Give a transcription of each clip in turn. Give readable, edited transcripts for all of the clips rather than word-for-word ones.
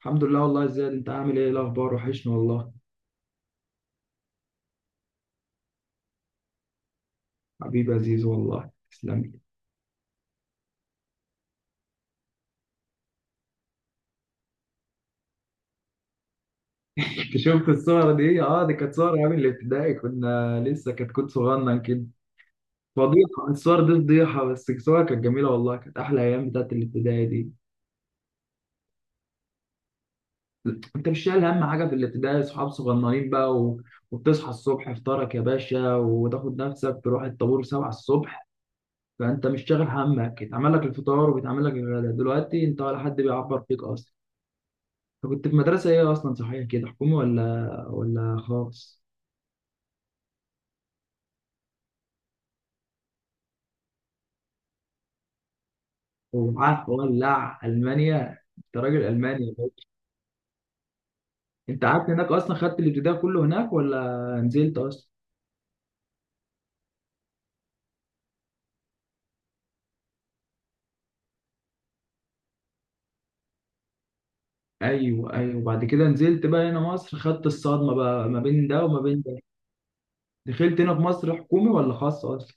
الحمد لله والله يا زياد، انت عامل ايه؟ الاخبار وحشني والله. حبيبي يا عزيز، والله تسلم لي. انت شفت الصور دي؟ اه دي كانت صور ايام الابتدائي، كنا لسه كتكوت صغنن كده. فضيحه الصور دي فضيحه، بس الصور كانت جميله والله، كانت احلى ايام بتاعت الابتدائي دي. انت مش شايل هم حاجه في الابتدائي، صحاب صغننين بقى وبتصحى الصبح افطارك يا باشا وتاخد نفسك تروح الطابور 7 الصبح، فانت مش شاغل همك، اتعمل لك الفطار وبيتعمل لك الغداء، دلوقتي انت ولا حد بيعبر فيك اصلا. كنت في مدرسة ايه اصلا صحيح كده، حكومي ولا خاص؟ ومعاك ولع المانيا، انت راجل الماني يا باشا. انت قعدت هناك اصلا، خدت الابتدائي كله هناك ولا نزلت اصلا؟ ايوه ايوه، وبعد كده نزلت بقى هنا مصر، خدت الصدمة بقى ما بين ده وما بين ده. دخلت هنا في مصر حكومي ولا خاص اصلا؟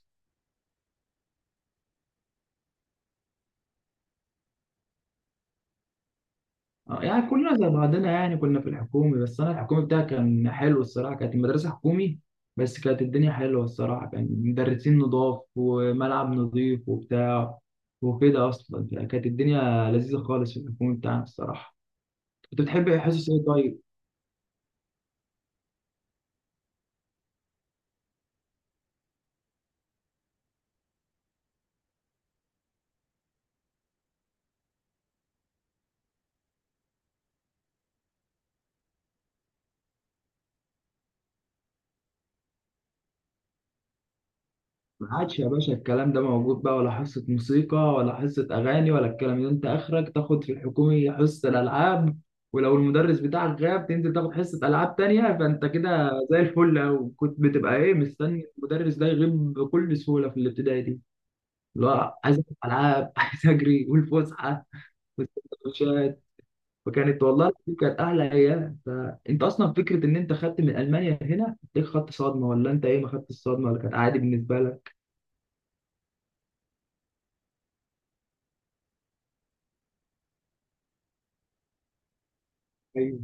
يعني كلنا زي بعضنا يعني، كنا في الحكومي، بس انا الحكومي بتاعي كان حلو الصراحه، كانت المدرسه حكومي بس كانت الدنيا حلوه الصراحه، كان مدرسين نضاف وملعب نضيف وبتاع وكده، اصلا كانت الدنيا لذيذه خالص في الحكومي بتاعنا الصراحه. كنت بتحب حصص ايه طيب؟ ما عادش يا باشا الكلام ده موجود بقى، ولا حصة موسيقى ولا حصة أغاني ولا الكلام ده، أنت آخرك تاخد في الحكومي حصة الألعاب، ولو المدرس بتاعك غاب تنزل تاخد حصة ألعاب تانية، فأنت كده زي الفل أوي، كنت بتبقى إيه مستني المدرس ده يغيب بكل سهولة في الابتدائي دي. لا عايز ألعب ألعاب، عايز أجري والفسحة والسندوتشات، وكانت والله العظيم كانت أحلى أيام. فأنت أصلا فكرة إن أنت خدت من ألمانيا هنا إيه، خدت صدمة ولا أنت إيه ما خدتش صدمة ولا كانت عادي بالنسبة لك؟ أيوه.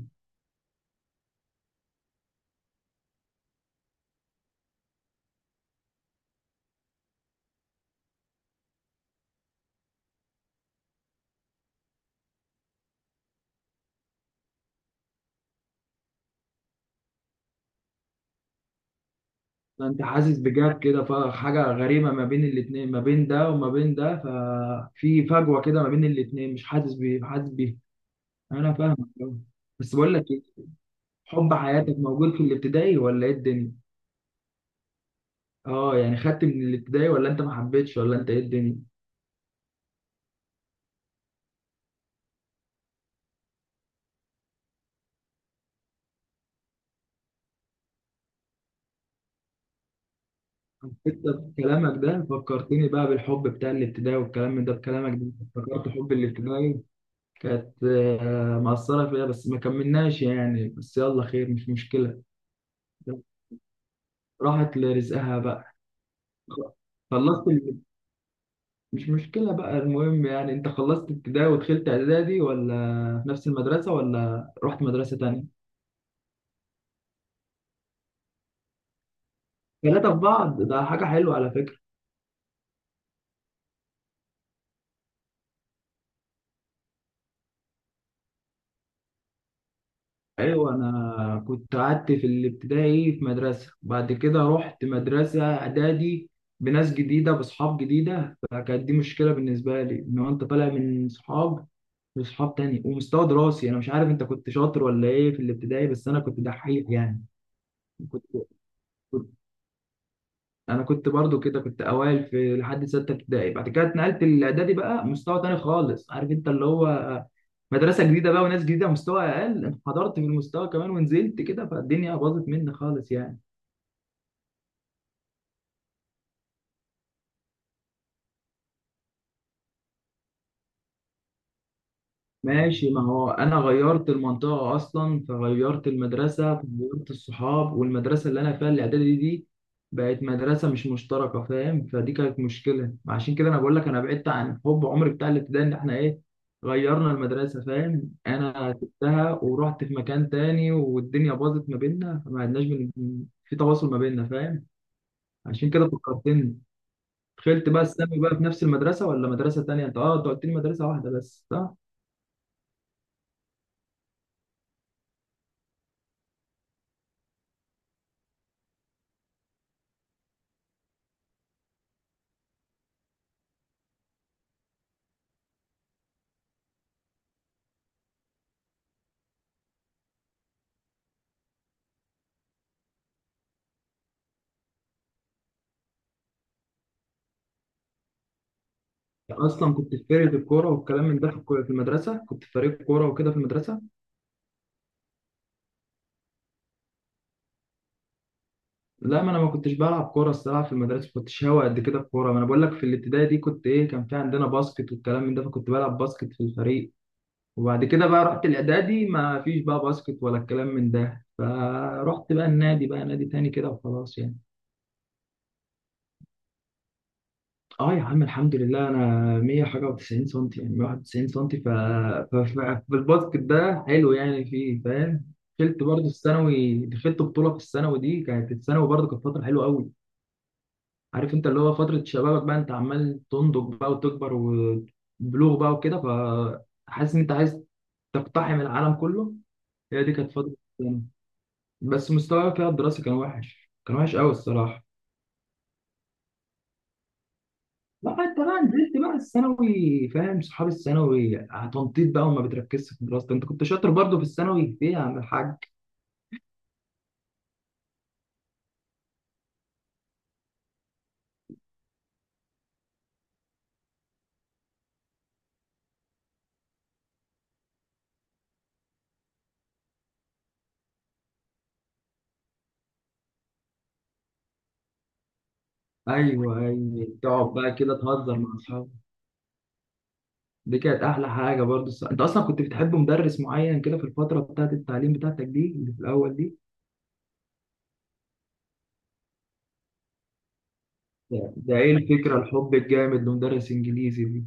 فانت حاسس بجاب كده، فحاجه غريبه ما بين الاتنين، ما بين ده وما بين ده، ففي فجوه كده ما بين الاتنين، مش حاسس بيه حاسس بيه؟ انا فاهمك أوي. بس بقول لك ايه، حب حياتك موجود في الابتدائي ولا ايه الدنيا؟ اه يعني، خدت من الابتدائي ولا انت ما حبيتش ولا انت ايه الدنيا؟ انت بكلامك ده فكرتني بقى بالحب بتاع الابتدائي، والكلام ده بكلامك ده افتكرت حب الابتدائي. كانت مأثرة فيها، بس ما كملناش يعني، بس يلا خير مش مشكلة. راحت لرزقها بقى. خلصت ال- مش مشكلة بقى، المهم يعني انت خلصت ابتدائي ودخلت اعدادي، ولا في نفس المدرسة، ولا رحت مدرسة تانية؟ ثلاثة في بعض، ده حاجة حلوة على فكرة. ايوه، انا كنت قعدت في الابتدائي في مدرسة، بعد كده رحت مدرسة اعدادي بناس جديدة، باصحاب جديدة، فكانت دي مشكلة بالنسبة لي، ان هو انت طالع من صحاب لصحاب تاني، ومستوى دراسي انا مش عارف انت كنت شاطر ولا ايه في الابتدائي، بس انا كنت دحيح يعني. كنت انا كنت برضو كده، كنت اوائل في لحد سته ابتدائي، بعد كده اتنقلت الاعدادي بقى، مستوى تاني خالص، عارف انت اللي هو مدرسه جديده بقى وناس جديده، مستوى اقل، انحدرت في المستوى كمان، ونزلت كده فالدنيا باظت مني خالص يعني. ماشي، ما هو انا غيرت المنطقه اصلا، فغيرت المدرسه، فغيرت الصحاب، والمدرسه اللي انا فيها الاعدادي دي بقت مدرسه مش مشتركه، فاهم؟ فدي كانت مشكله، عشان كده انا بقول لك انا بعدت عن حب عمري بتاع الابتدائي، ان احنا ايه غيرنا المدرسه، فاهم؟ انا سبتها ورحت في مكان تاني، والدنيا باظت ما بيننا، فما عدناش في تواصل ما بيننا، فاهم؟ عشان كده فكرتني. دخلت بقى الثانوي بقى في نفس المدرسه ولا مدرسه تانيه؟ انت اه انت قلت لي مدرسه واحده بس، صح؟ يعني اصلا كنت في فرقه الكوره والكلام من ده، في في المدرسه كنت في فريق كوره وكده في المدرسه. لا، ما انا ما كنتش بلعب كوره الصراحه في المدرسه، ما كنتش هاوي قد كده الكوره، ما انا بقول لك في الابتدائي دي كنت ايه، كان في عندنا باسكت والكلام من ده، فكنت بلعب باسكت في الفريق. وبعد كده بقى رحت الاعدادي، ما فيش بقى باسكت ولا الكلام من ده، فرحت بقى النادي بقى، نادي تاني كده وخلاص يعني. اه يا عم الحمد لله، انا 100 حاجه و90 سنتي، يعني 91 سنتي، ف... ف... ف... فالباسكت ده حلو يعني فيه، فاهم؟ دخلت برضه الثانوي، دخلت بطوله في الثانوي دي، كانت الثانوي برضه كانت فتره حلوه قوي، عارف انت اللي هو فتره شبابك بقى، انت عمال تنضج بقى وتكبر وبلوغ بقى وكده، فحاسس ان انت عايز تقتحم العالم كله. هي دي كانت فتره الثانوي، بس مستواي فيها الدراسي كان وحش، كان وحش قوي الصراحه. لا انت بقى نزلت بقى الثانوي، فاهم؟ صحاب الثانوي، تنطيط بقى، وما بتركزش في دراستك. انت كنت شاطر برضه في الثانوي ايه يا عم الحاج؟ ايوه ايوه، تقعد بقى كده تهزر مع اصحابك، دي كانت احلى حاجه برضه الس- انت اصلا كنت بتحب مدرس معين كده في الفتره بتاعت التعليم بتاعتك دي، اللي في الاول دي؟ ده ده ايه الفكره الحب الجامد لمدرس انجليزي دي؟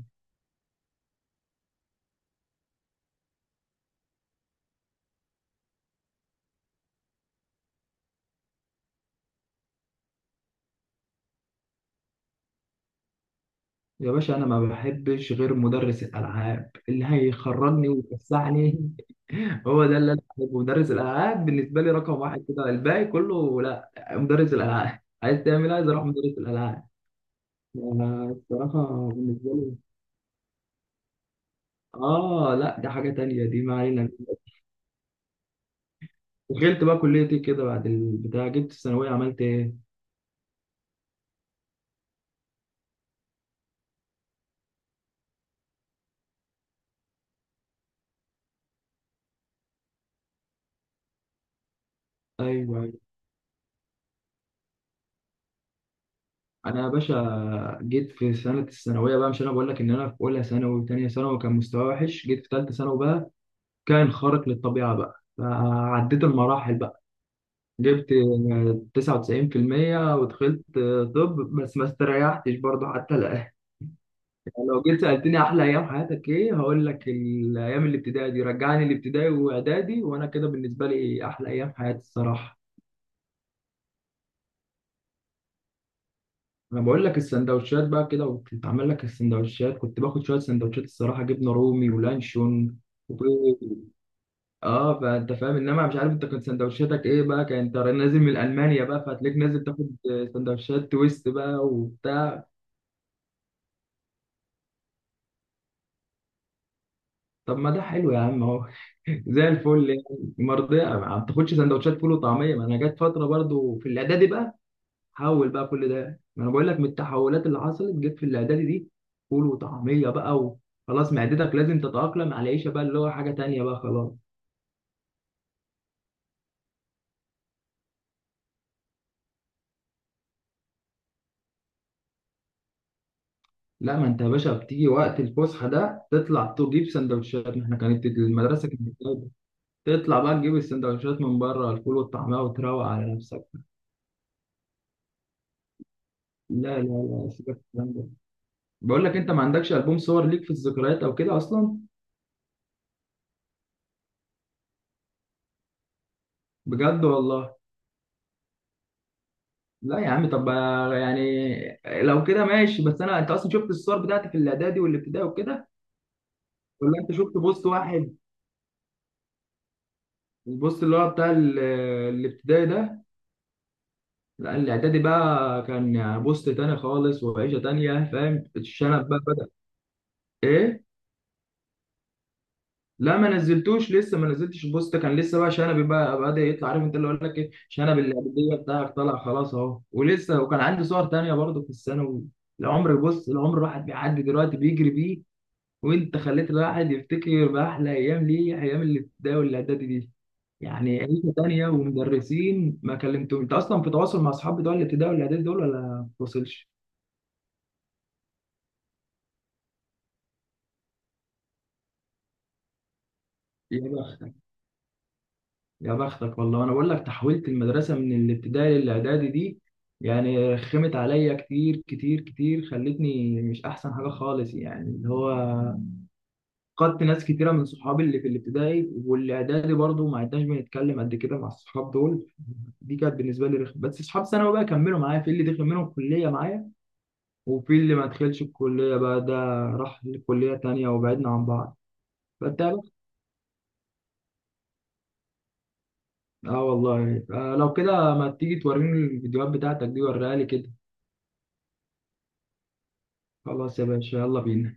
يا باشا انا ما بحبش غير مدرس الالعاب، اللي هيخرجني ويفسحني، هو ده اللي انا عايزه. مدرس الالعاب بالنسبه لي رقم واحد كده، الباقي كله لا، مدرس الالعاب. عايز تعمل إيه؟ عايز اروح مدرس الالعاب. أنا الصراحه بالنسبه لي اه لا، دي حاجه تانية دي، ما علينا. دخلت بقى كليه ايه كده بعد البتاع، جبت الثانويه عملت ايه؟ ايوه، أيوة. انا يا باشا جيت في سنه الثانويه بقى، مش انا بقول لك ان انا في اولى ثانوي وثانيه ثانوي كان مستواي وحش، جيت في ثالثه ثانوي بقى كان خارق للطبيعه بقى، فعديت المراحل. جبت 99% ودخلت. طب، بس ما استريحتش برضه حتى الآن. لو جيت سألتني أحلى أيام حياتك إيه، هقول لك الأيام الابتدائي دي، رجعني الابتدائي وإعدادي، وأنا كده بالنسبة لي أحلى أيام حياتي الصراحة. أنا بقول لك السندوتشات بقى كده، وبتتعمل لك السندوتشات، كنت باخد شوية سندوتشات الصراحة، جبنة رومي ولانشون وبيض. اه فانت فاهم، انما مش عارف انت كنت سندوتشاتك ايه بقى، كان انت نازل من المانيا بقى، فهتلاقيك نازل تاخد سندوتشات تويست بقى وبتاع. طب ما ده حلو يا عم اهو، زي الفل يعني، مرضية ما بتاخدش سندوتشات فول وطعمية، ما انا جت فترة برضو في الاعدادي بقى، حول بقى كل ده، ما انا بقول لك من التحولات اللي حصلت جت في الاعدادي دي. فول وطعمية بقى، وخلاص معدتك لازم تتأقلم على العيشة بقى، اللي هو حاجة تانية بقى خلاص. لا ما انت يا باشا بتيجي وقت الفسحة ده تطلع تجيب سندوتشات، ما احنا كانت المدرسة كانت قريبة. تطلع بقى تجيب السندوتشات من بره، الفول والطعمية وتروق على نفسك. لا لا لا، سيبك من الكلام ده. بقول لك انت ما عندكش البوم صور ليك في الذكريات او كده اصلا؟ بجد والله؟ لا يا عم، طب يعني لو كده ماشي، بس انا انت اصلا شفت الصور بتاعتي في الاعدادي والابتدائي وكده، ولا انت شفت بوست واحد؟ البوست اللي هو بتاع الابتدائي ده؟ لا الاعدادي بقى كان بوست تاني خالص، وعيشه تانيه، فاهم؟ الشنب بقى بدأ. ايه لا، ما نزلتوش لسه، ما نزلتش البوست كان لسه بقى، شنبي بقى بدأ يطلع، عارف انت اللي اقول لك ايه، شنب اللعبيه بتاعك طلع خلاص اهو، ولسه وكان عندي صور تانية برضه في الثانوي. العمر بص، العمر الواحد بيعدي دلوقتي بيجري بيه، وانت خليت الواحد يفتكر بأحلى ايام ليه، ايام الابتدائي والاعدادي دي. يعني عيشة تانية ومدرسين، ما كلمتهم، انت اصلا في تواصل مع اصحاب بتوع الابتدائي والاعدادي دول ولا ما بتوصلش؟ يا بختك، يا بختك والله. انا بقول لك تحويلة المدرسة من الابتدائي للاعدادي دي، يعني خمت عليا كتير كتير كتير، خلتني مش احسن حاجة خالص يعني، اللي هو فقدت ناس كتيرة من صحابي اللي في الابتدائي والاعدادي، برضو ما عدناش بنتكلم قد كده مع الصحاب دول، دي كانت بالنسبة لي رخمة. بس صحاب ثانوي بقى كملوا معايا، في اللي دخل منهم الكلية معايا، وفي اللي ما دخلش الكلية بقى ده راح لكلية تانية وبعدنا عن بعض. فانت اه والله، آه لو كده ما تيجي توريني الفيديوهات بتاعتك دي، وريها لي كده. خلاص يا باشا، يلا بينا.